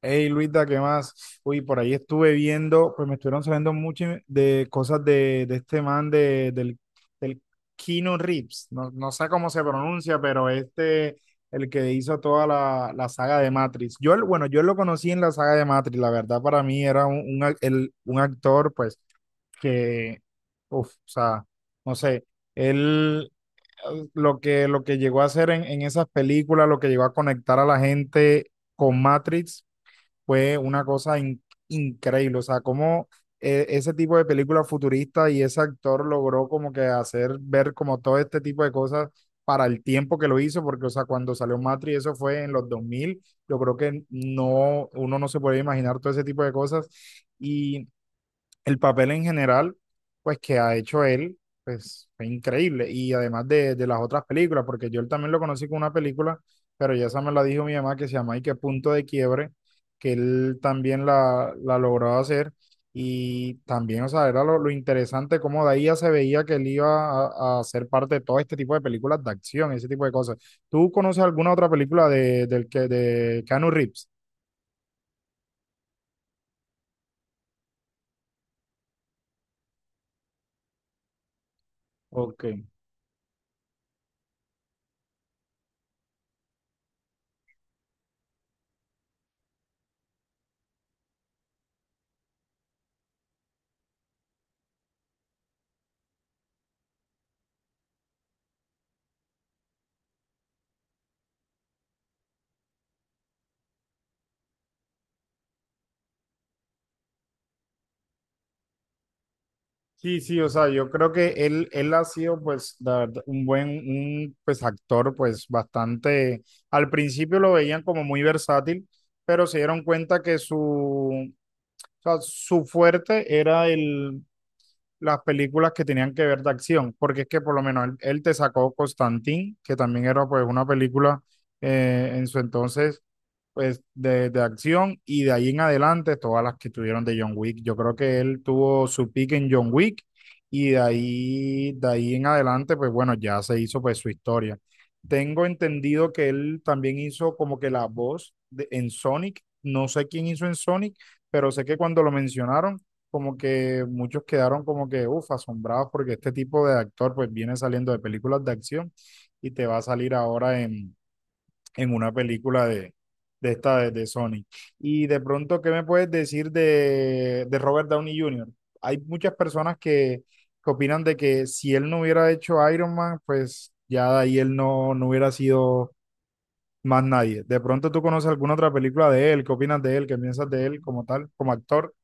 Hey Luisa, ¿qué más? Uy, por ahí estuve viendo, pues me estuvieron saliendo mucho de cosas de este man del Keanu Reeves. No, no sé cómo se pronuncia, el que hizo toda la saga de Matrix. Bueno, yo lo conocí en la saga de Matrix, la verdad para mí era un actor, pues, que, uff, o sea, no sé, él, lo que llegó a hacer en esas películas, lo que llegó a conectar a la gente con Matrix fue una cosa increíble. O sea, cómo ese tipo de película futurista y ese actor logró como que hacer ver como todo este tipo de cosas para el tiempo que lo hizo, porque, o sea, cuando salió Matrix, eso fue en los 2000, yo creo que no, uno no se puede imaginar todo ese tipo de cosas. Y el papel en general, pues que ha hecho él, pues fue increíble. Y además de las otras películas, porque yo él también lo conocí con una película, pero ya esa me la dijo mi mamá que se llama Y qué punto de quiebre, que él también la logró hacer. Y también, o sea, era lo interesante cómo de ahí ya se veía que él iba a ser parte de todo este tipo de películas de acción, ese tipo de cosas. ¿Tú conoces alguna otra película de Keanu Reeves? Ok. Sí, sí, o sea, yo creo que él ha sido, pues, la verdad, un buen, pues, actor, pues, bastante, al principio lo veían como muy versátil, pero se dieron cuenta que o sea, su fuerte era las películas que tenían que ver de acción, porque es que por lo menos él, él te sacó Constantine, que también era pues una película en su entonces pues de acción y de ahí en adelante todas las que tuvieron de John Wick. Yo creo que él tuvo su pick en John Wick y de ahí en adelante pues bueno, ya se hizo pues su historia. Tengo entendido que él también hizo como que la voz en Sonic, no sé quién hizo en Sonic, pero sé que cuando lo mencionaron como que muchos quedaron como que, uff, asombrados porque este tipo de actor pues viene saliendo de películas de acción y te va a salir ahora en una película de esta de Sony. Y de pronto, ¿qué me puedes decir de Robert Downey Jr.? Hay muchas personas que opinan de que si él no hubiera hecho Iron Man, pues ya de ahí él no hubiera sido más nadie. De pronto tú conoces alguna otra película de él, ¿qué opinas de él? ¿Qué piensas de él como tal, como actor?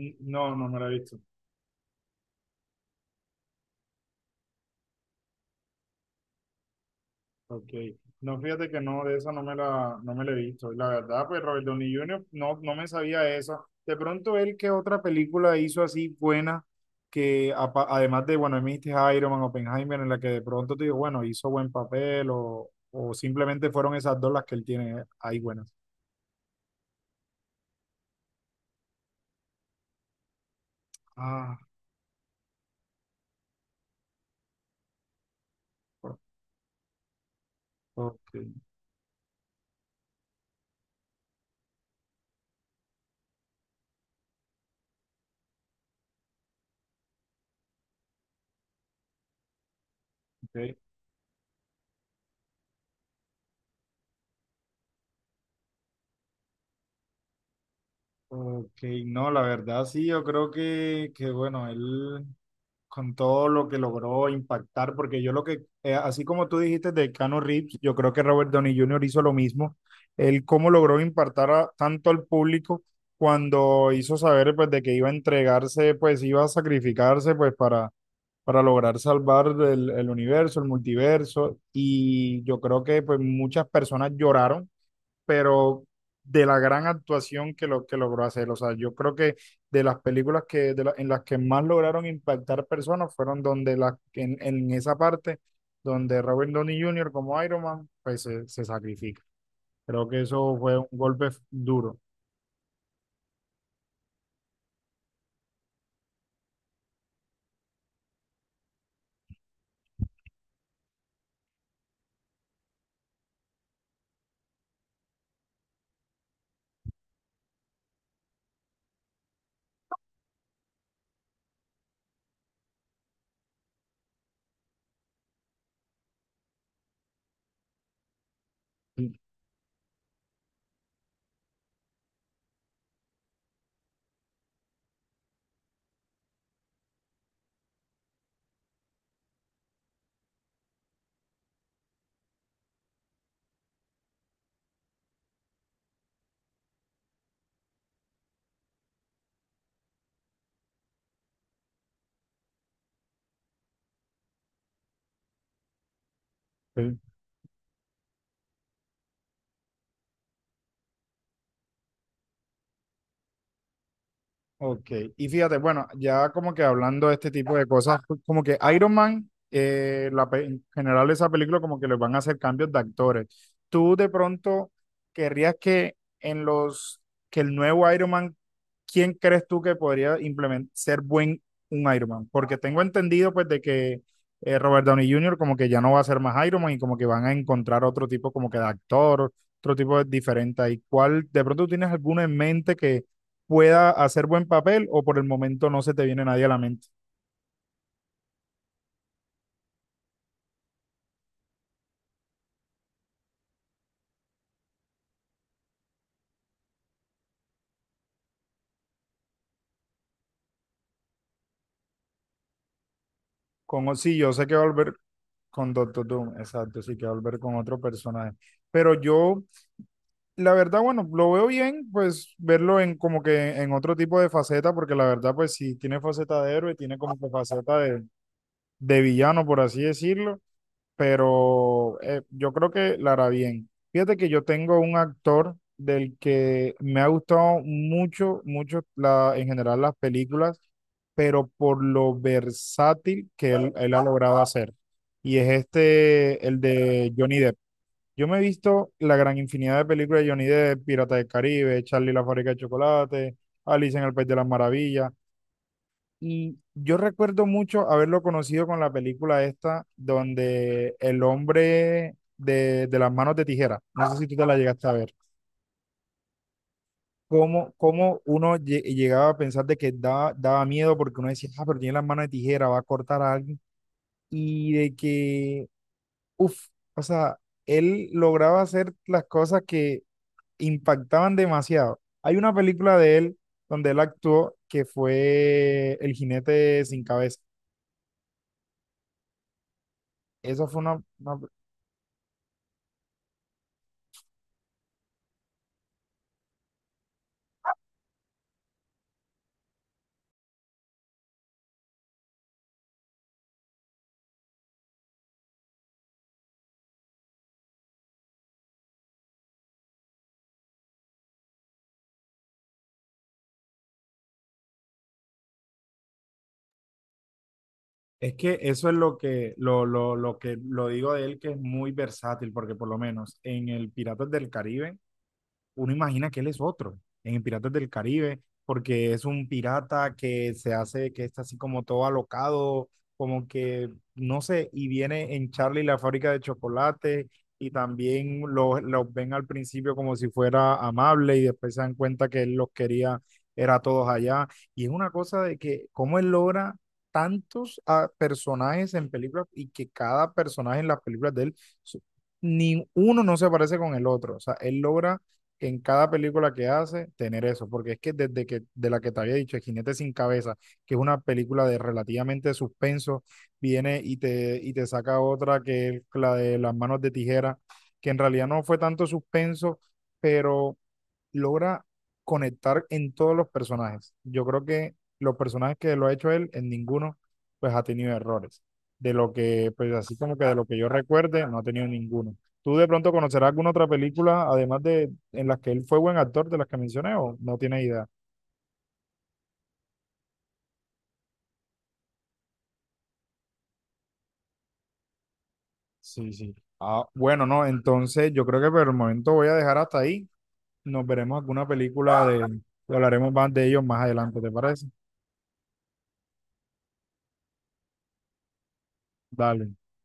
No, no me la he visto. Ok, no fíjate que no, de esa no me la he visto. Y la verdad, pues Robert Downey Junior no me sabía esa. De pronto él, ¿qué otra película hizo así buena? Que apa- además de, bueno, me dijiste Iron Man, Oppenheimer, en la que de pronto te digo, bueno, hizo buen papel o simplemente fueron esas dos las que él tiene ahí buenas. Ah, o- ok, ok, ok. No, la verdad sí, yo creo que bueno, él. Con todo lo que logró impactar, porque yo lo que, así como tú dijiste de Cano Reeves, yo creo que Robert Downey Jr. hizo lo mismo, él cómo logró impactar tanto al público cuando hizo saber pues de que iba a entregarse, pues iba a sacrificarse pues para lograr salvar el universo, el multiverso, y yo creo que pues muchas personas lloraron, pero de la gran actuación que logró hacer. O sea, yo creo que de las películas que, en las que más lograron impactar personas fueron donde las en esa parte donde Robert Downey Jr. como Iron Man, pues se sacrifica. Creo que eso fue un golpe duro. Ok, y fíjate, bueno, ya como que hablando de este tipo de cosas, pues, como que Iron Man, en general esa película como que les van a hacer cambios de actores. ¿Tú de pronto querrías que que el nuevo Iron Man, quién crees tú que podría implementar, ser buen un Iron Man? Porque tengo entendido pues de que Robert Downey Jr. como que ya no va a ser más Iron Man y como que van a encontrar otro tipo como que de actor, otro tipo de diferente ahí. ¿Cuál, de pronto tú tienes alguno en mente pueda hacer buen papel o por el momento no se te viene nadie a la mente? Con, sí, yo sé que va a volver con Doctor Doom, exacto, sí que va a volver con otro personaje. Pero yo, la verdad, bueno, lo veo bien, pues verlo en como que en otro tipo de faceta, porque la verdad, pues sí, tiene faceta de héroe, tiene como que faceta de villano, por así decirlo. Pero yo creo que la hará bien. Fíjate que yo tengo un actor del que me ha gustado mucho, mucho en general las películas, pero por lo versátil que él ha logrado hacer. Y es este, el de Johnny Depp. Yo me he visto la gran infinidad de películas de Johnny Depp, Pirata del Caribe, Charlie y la fábrica de chocolate, Alicia en el País de las Maravillas. Y yo recuerdo mucho haberlo conocido con la película esta, donde el hombre de las manos de tijera, no sé si tú te la llegaste a ver, cómo uno llegaba a pensar de que daba miedo porque uno decía, ah, pero tiene las manos de tijera, va a cortar a alguien, y de que, uff, o sea, él lograba hacer las cosas que impactaban demasiado. Hay una película de él donde él actuó que fue El jinete sin cabeza. Esa fue una- Es que eso es lo que lo que lo digo de él, que es muy versátil, porque por lo menos en el Piratas del Caribe, uno imagina que él es otro en Piratas del Caribe, porque es un pirata que se hace, que está así como todo alocado, como que, no sé, y viene en Charlie la fábrica de chocolate y también los lo ven al principio como si fuera amable y después se dan cuenta que él los quería, era a todos allá. Y es una cosa de que cómo él logra tantos ah, personajes en películas y que cada personaje en las películas de él, su- ni uno no se parece con el otro. O sea, él logra en cada película que hace tener eso, porque es que desde que de la que te había dicho, El Jinete sin Cabeza, que es una película de relativamente suspenso, viene y y te saca otra que es la de Las manos de tijera, que en realidad no fue tanto suspenso, pero logra conectar en todos los personajes. Yo creo que los personajes que lo ha hecho él, en ninguno, pues ha tenido errores. De lo que, pues así como que de lo que yo recuerde, no ha tenido ninguno. ¿Tú de pronto conocerás alguna otra película, además de, en las que él fue buen actor de las que mencioné o no tiene idea? Sí, sí. Ah, bueno, no, entonces yo creo que por el momento voy a dejar hasta ahí. Nos veremos alguna película de, y hablaremos más de ellos más adelante, ¿te parece? Dale.